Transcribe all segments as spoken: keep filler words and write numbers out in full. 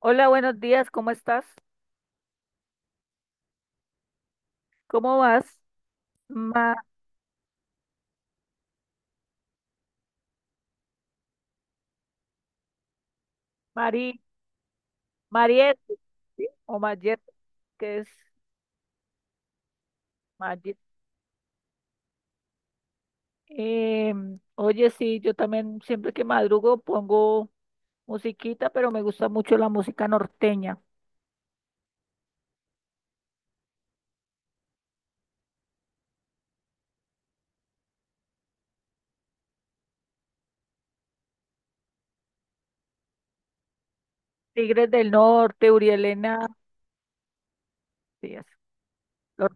Hola, buenos días, ¿cómo estás? ¿Cómo vas? Ma, Mari, Mariette, ¿sí? O Mariette, que es Mariette. Em, oye, sí, yo también siempre que madrugo pongo musiquita, pero me gusta mucho la música norteña. Tigres del Norte, Urielena, sí, eso. Lo-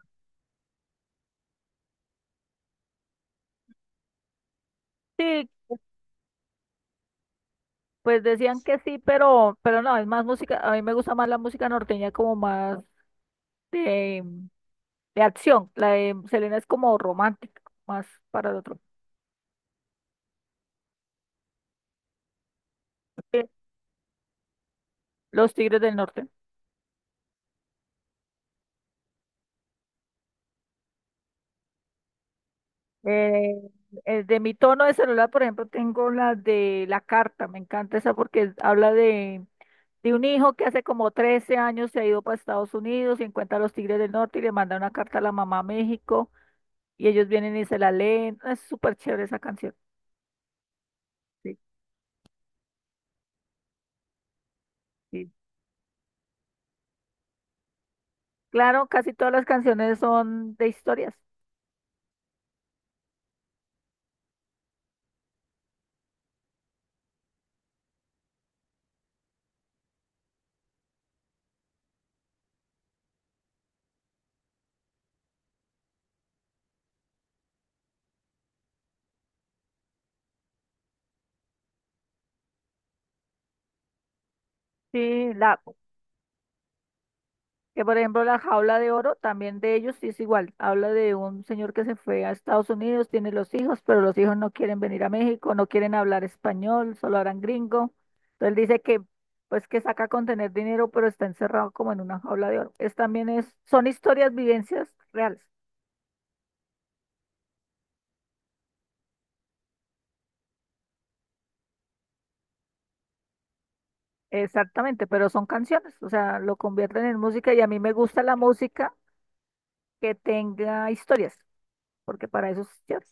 sí, pues decían que sí, pero, pero no, es más música, a mí me gusta más la música norteña, como más de, de acción. La de Selena es como romántica, más para el otro. Los Tigres del Norte. Eh, eh, de mi tono de celular, por ejemplo, tengo la de La Carta. Me encanta esa porque habla de, de un hijo que hace como trece años se ha ido para Estados Unidos y encuentra a los Tigres del Norte y le manda una carta a la mamá a México, y ellos vienen y se la leen. Es súper chévere esa canción. Sí, sí. Claro, casi todas las canciones son de historias. Sí, la, Que por ejemplo La Jaula de Oro también, de ellos, sí, es igual. Habla de un señor que se fue a Estados Unidos, tiene los hijos, pero los hijos no quieren venir a México, no quieren hablar español, solo hablan gringo. Entonces dice que pues que saca con tener dinero, pero está encerrado como en una jaula de oro. Es también es, son historias, vivencias reales. Exactamente, pero son canciones, o sea, lo convierten en música, y a mí me gusta la música que tenga historias, porque para eso es chévere.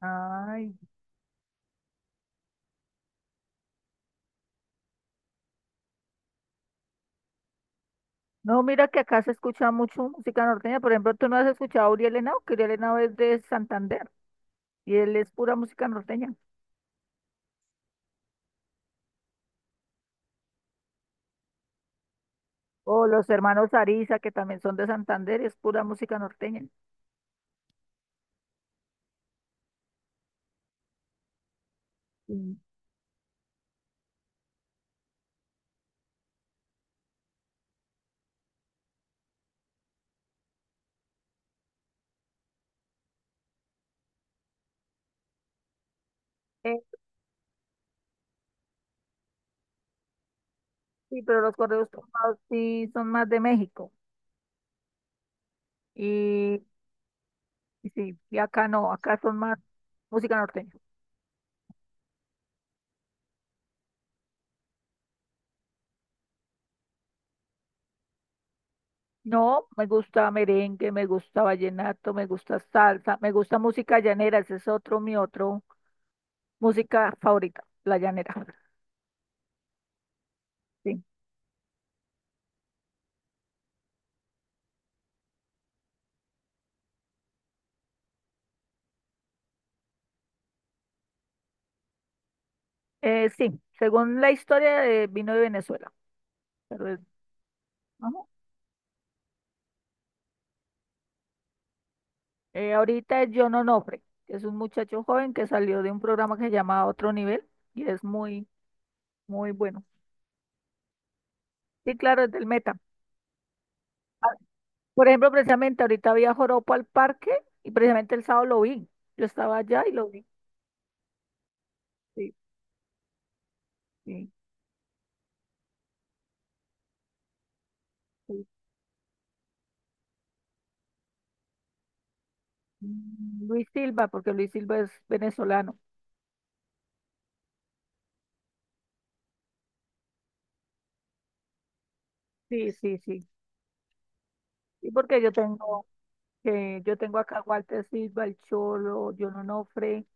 Ay, no, mira que acá se escucha mucho música norteña. Por ejemplo, tú no has escuchado a Uriel Henao, que Uriel Henao es de Santander y él es pura música norteña. O los hermanos Ariza, que también son de Santander, es pura música norteña. Mm. Eh, sí, pero los correos tumbados sí son más de México. Y, y sí, y acá no, acá son más música norteña. No, me gusta merengue, me gusta vallenato, me gusta salsa, me gusta música llanera, ese es otro, mi otro música favorita, la llanera. Sí. Eh, sí, según la historia, eh, vino de Venezuela, pero es- ajá. Eh, ahorita es John Onofre, que es un muchacho joven que salió de un programa que se llama Otro Nivel y es muy, muy bueno. Sí, claro, es del Meta. Ah, por ejemplo, precisamente ahorita había Joropo al Parque y precisamente el sábado lo vi. Yo estaba allá y lo vi. Sí, sí, sí. Mm, Luis Silva, porque Luis Silva es venezolano. Sí, sí, sí. Y porque yo tengo, que yo tengo acá a Walter Silva, el Cholo, John Onofre.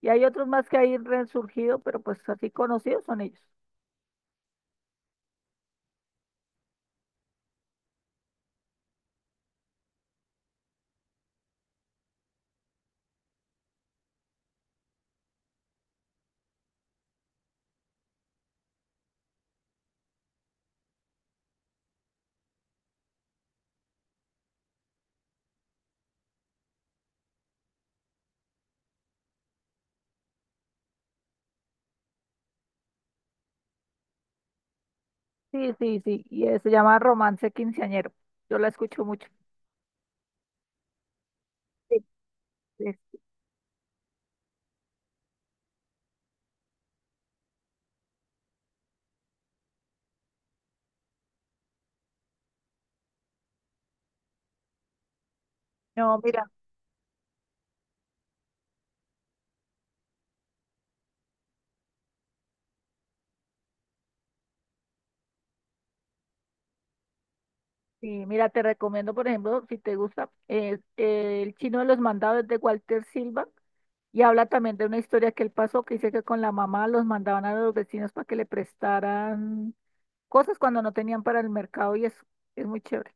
Y hay otros más que hay resurgido, pero pues así conocidos son ellos. Sí, sí, sí. Y eh, se llama Romance Quinceañero. Yo la escucho mucho. Sí, sí. No, mira, Sí, mira, te recomiendo, por ejemplo, si te gusta, eh, eh, El Chino de los Mandados, de Walter Silva. Y habla también de una historia que él pasó, que dice que con la mamá los mandaban a los vecinos para que le prestaran cosas cuando no tenían para el mercado y eso. Es muy chévere.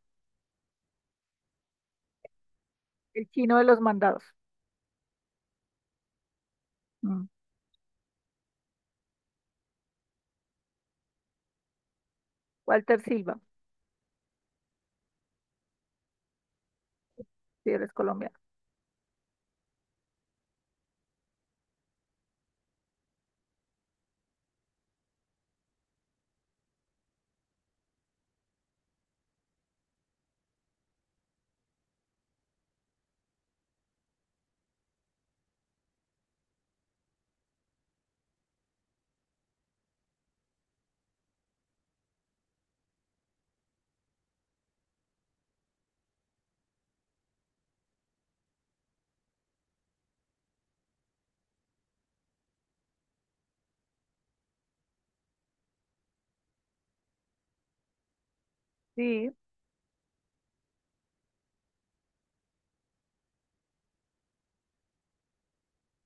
El Chino de los Mandados. Mm. Walter Silva, si eres colombiano. Sí,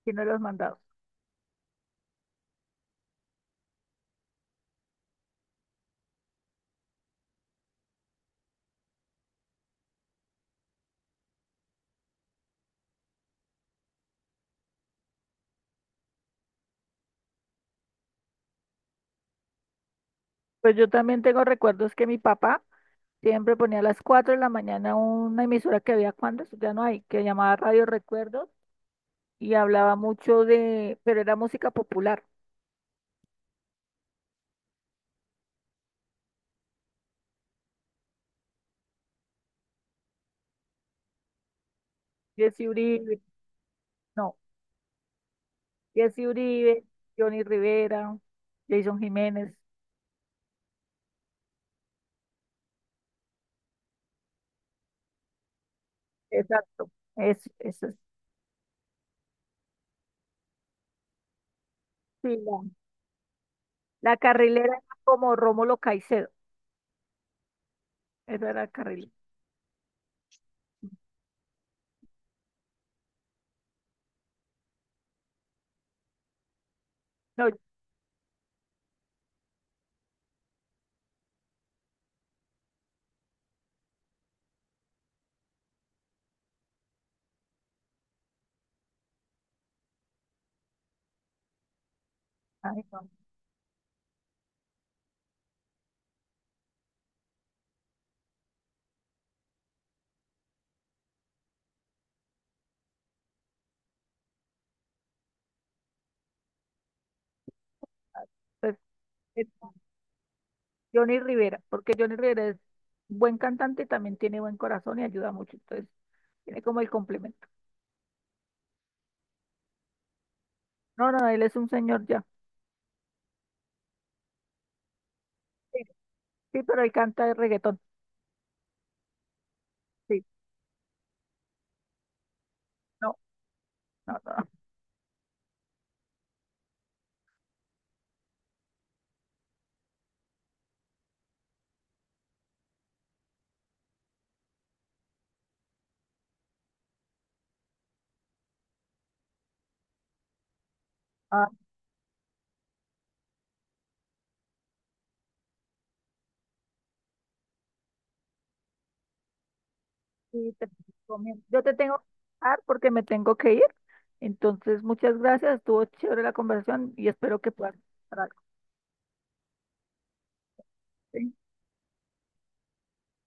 Chino de los Mandados. Pues yo también tengo recuerdos que mi papá siempre ponía a las cuatro de la mañana una emisora que había, cuando eso, ya no hay, que llamaba Radio Recuerdos, y hablaba mucho de, pero era música popular. Jesse Uribe, no, Jesse Uribe, Johnny Rivera, Jason Jiménez, exacto. Es, eso es, sí, la, la carrilera era como Rómulo Caicedo, esa era la carrilera. No, ay, no, pues, Johnny Rivera, porque Johnny Rivera es buen cantante, también tiene buen corazón y ayuda mucho, entonces tiene como el complemento. No, no, él es un señor ya. Sí, sí, pero él canta de reggaetón. Sí, no, no, no. no. Ah, sí, te recomiendo. Yo te tengo que dejar porque me tengo que ir. Entonces, muchas gracias, estuvo chévere la conversación y espero que puedas hacer algo, ¿sí?